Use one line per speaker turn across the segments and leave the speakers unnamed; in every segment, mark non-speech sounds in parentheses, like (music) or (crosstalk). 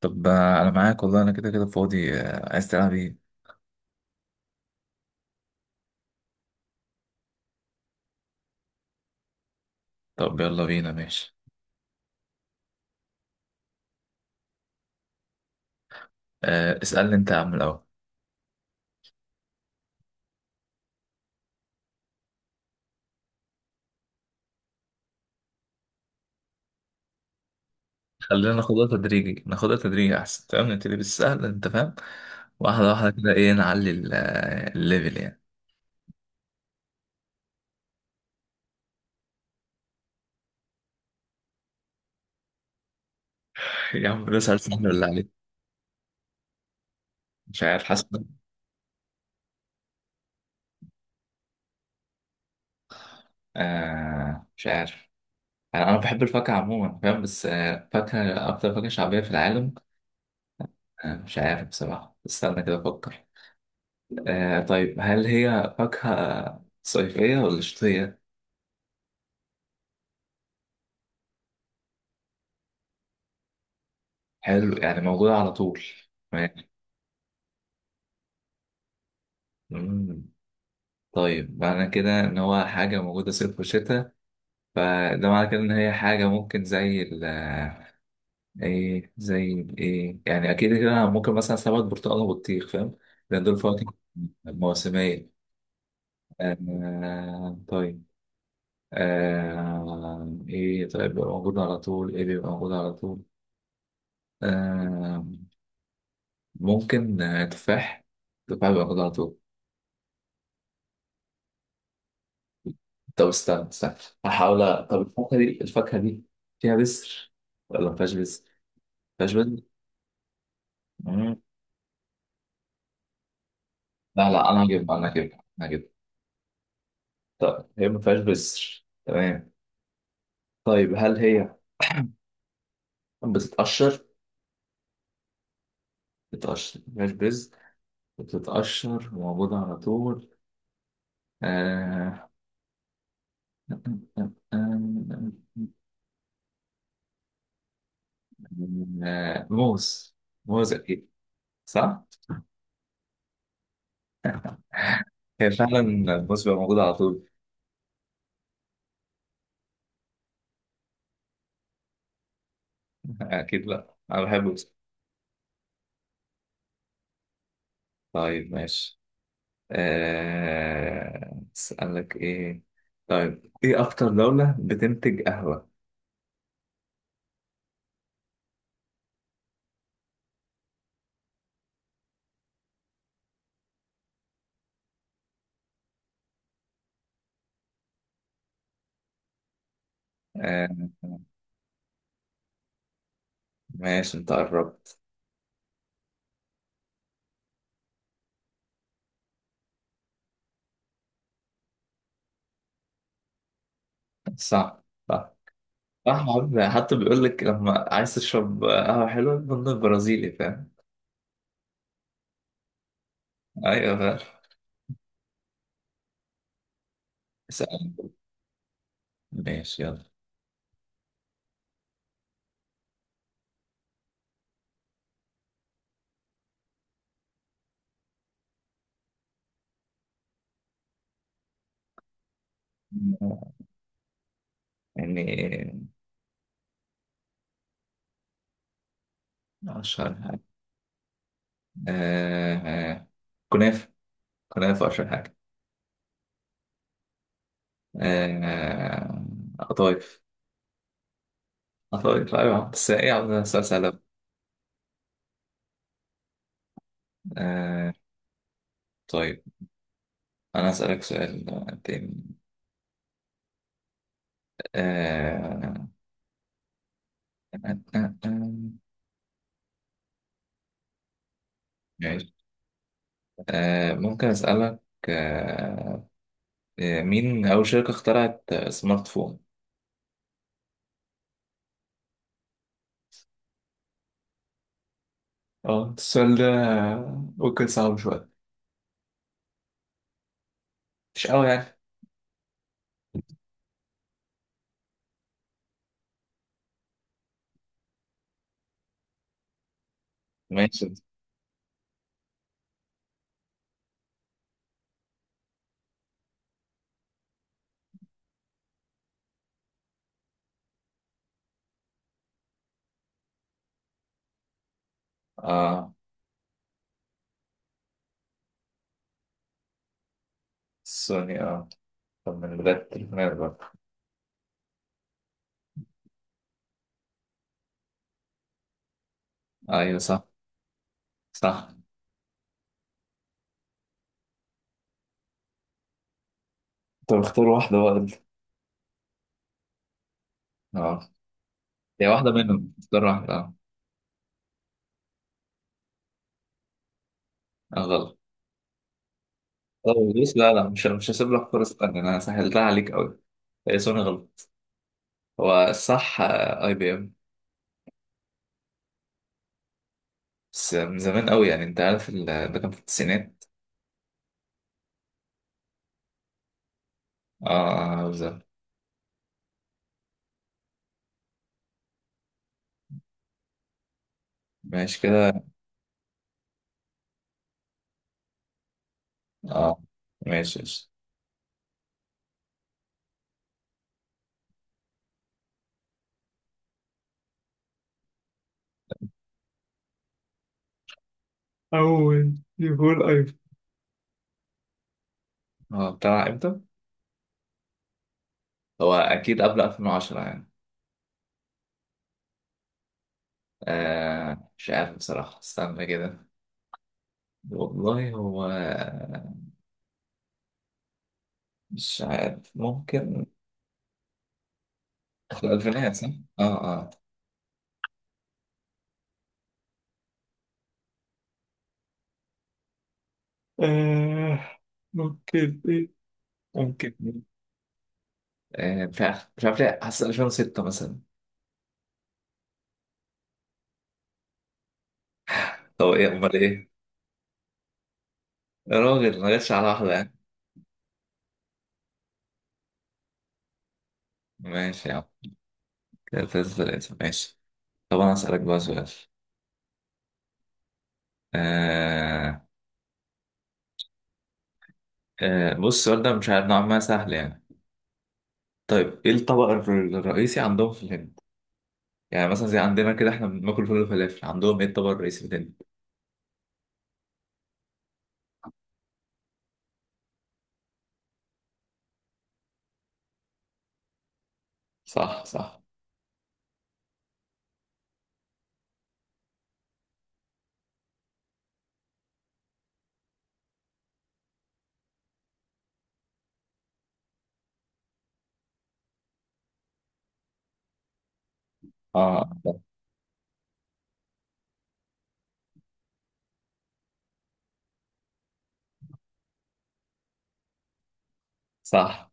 طب انا معاك والله، انا كده كده فاضي. عايز تلعب ايه؟ طب يلا بينا. ماشي. اسألني انت يا عم الاول. خلينا ناخدها تدريجي ناخدها تدريجي احسن. تمام، نبتدي بالسهل، انت فاهم. واحدة واحدة كده، ايه، نعلي الليفل يعني. (laughs) يا عم، بسأل سهل ولا عليك؟ مش عارف، حاسس. مش عارف. انا بحب الفاكهة عموما فاهم، بس فاكهة، اكتر فاكهة شعبية في العالم. مش عارف بصراحة، استنى كده افكر. طيب، هل هي فاكهة صيفية ولا شتوية؟ حلو، يعني موجودة على طول. ماشي. مم. طيب، معنى كده إن هو حاجة موجودة صيف وشتاء، فده معنى كده إن هي حاجة ممكن زي إيه، زي إيه يعني. أكيد كده أنا ممكن مثلا سمك برتقال وبطيخ، فاهم، لأن دول فواكه موسمية. طيب. إيه، طيب، بيبقى موجود على طول، إيه بيبقى موجود على طول. آه ممكن تفاح. تفاح بيبقى موجود على طول. طب استنى استنى، هحاول طب الفاكهة دي فيها بذر ولا ما فيهاش بذر؟ ما فيهاش بذر؟ مم. لا لا، انا هجيبها انا هجيبها انا هجيبها. طب هي ما فيهاش بذر، تمام. طيب هل هي بتتقشر؟ بتتقشر، ما فيهاش بذر، بتتقشر وموجودة على طول. آه... موز. موز أكيد. صح؟ هي فعلا الموز بيبقى موجود على طول. أكيد لأ، أنا بحب الموز. طيب ماشي. أسألك إيه. طيب إيه أكتر دولة بتنتج قهوة؟ آه، ماشي، أنت قربت. صح صح. صح عم. حتى بيقول لك لما عايز تشرب قهوة حلوة، بن البرازيلي، فاهم. أيوه فاهم. اسأل. ماشي يلا. يعني، أشهر حاجة. آه، آه، كنافة. كنافة أشهر حاجة. آه، قطايف. قطايف أيوه. بس إيه يا عم ده سؤال سهل أوي. آه، طيب. أنا أسألك سؤال تاني. آه... ماشي. ممكن أسألك. آه... مين أول شركة اخترعت سمارت فون؟ اه السؤال ده ممكن صعب شوية، مش قوي يعني. ماشي. آه سوني. طب من بداية التليفونات بقى. أيوة صح. صح. طب اختار واحدة بقى انت. اه، هي واحدة منهم، اختار واحدة. اه. غلط. طب بص، لا لا، مش هسيب لك فرصة تانية، أنا سهلتها عليك أوي. هي سوني غلط، هو صح اي بي ام. بس من زمان قوي يعني، انت عارف ده كان في التسعينات. اه بالظبط. ماشي كده. اه ماشي ماشي. أول يقول أيوة. هو طلع امتى؟ هو اكيد قبل 2010 يعني. مش عارف بصراحة، استنى كده. والله هو مش عارف، ممكن. في الألفينات صح؟ اه اه. آه ممكن إيه، ممكن. مش عارف مش عارف ليه، حاسس 2006 مثلا. طب ايه امال ايه؟ يا راجل ما جاتش على واحدة يعني. ماشي يا عم. كده تلاتة تلاتة ماشي. طب أنا هسألك بقى سؤال. آه بص، السؤال ده مش عارف، نوعا ما سهل يعني. طيب إيه الطبق الرئيسي عندهم في الهند؟ يعني مثلا زي عندنا كده إحنا بناكل فول وفلافل، عندهم إيه الطبق الرئيسي في الهند؟ صح صح. آه صح.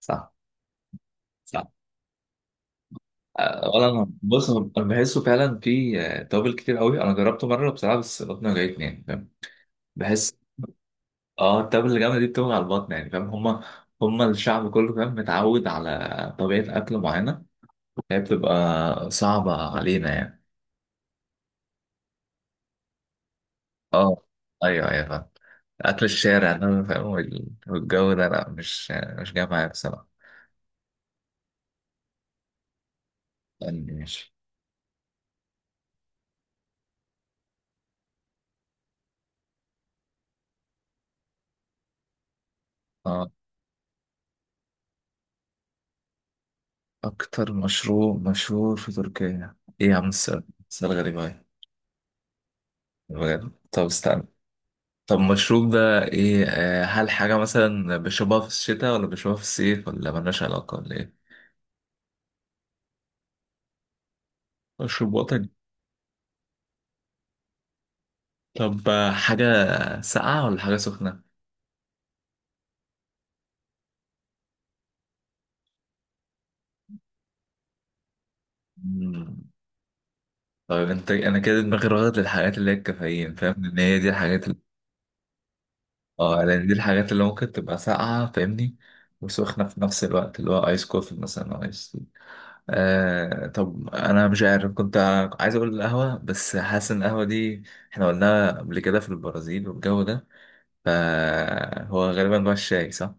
صح صح. ولا أنا، بص أنا بحسه فعلا في توابل كتير قوي، أنا جربته مرة بصراحة بس بطني وجعتني يعني فاهم. بحس، اه، التبة اللي جامدة دي بتبقى على البطن يعني فاهم. هما الشعب كله فاهم، متعود على طبيعة أكل معينة، هي بتبقى صعبة علينا يعني. اه أيوه أيوه فاهم. أكل الشارع ده فاهم والجو ده لأ، مش جاي معايا بصراحة. يعني ماشي. اه أكتر مشروب مشهور في تركيا. إيه يا عم السؤال؟ سؤال غريب أوي. بجد، طب استنى. طب المشروب ده إيه، هل حاجة مثلا بيشربوها في الشتاء ولا بيشربوها في الصيف ولا ملهاش علاقة ولا إيه؟ مشروب وطني. طب حاجة ساقعة ولا حاجة سخنة؟ مم. طيب انت، انا كده دماغي راغد للحاجات اللي هي الكافيين، فاهم ان هي دي الحاجات اللي... اه لان دي الحاجات اللي ممكن تبقى ساقعة فاهمني، وسخنة في نفس الوقت، اللي هو ايس كوفي مثلا او ايس تي. طب انا مش عارف، كنت عايز اقول القهوة، بس حاسس ان القهوة دي احنا قلناها قبل كده في البرازيل والجو ده. فهو غالبا بقى الشاي صح؟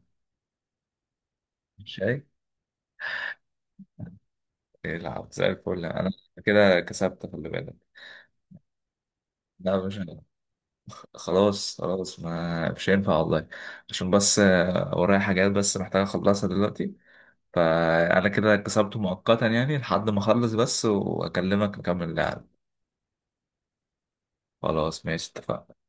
الشاي؟ يلعب زي الفل انا. كده كسبت، خلي بالك. لا، مش خلاص خلاص، ما مش هينفع والله. عشان بس ورايا حاجات بس محتاج اخلصها دلوقتي. فانا كده كسبت مؤقتا يعني، لحد ما اخلص بس واكلمك نكمل اللعب. خلاص ماشي اتفقنا.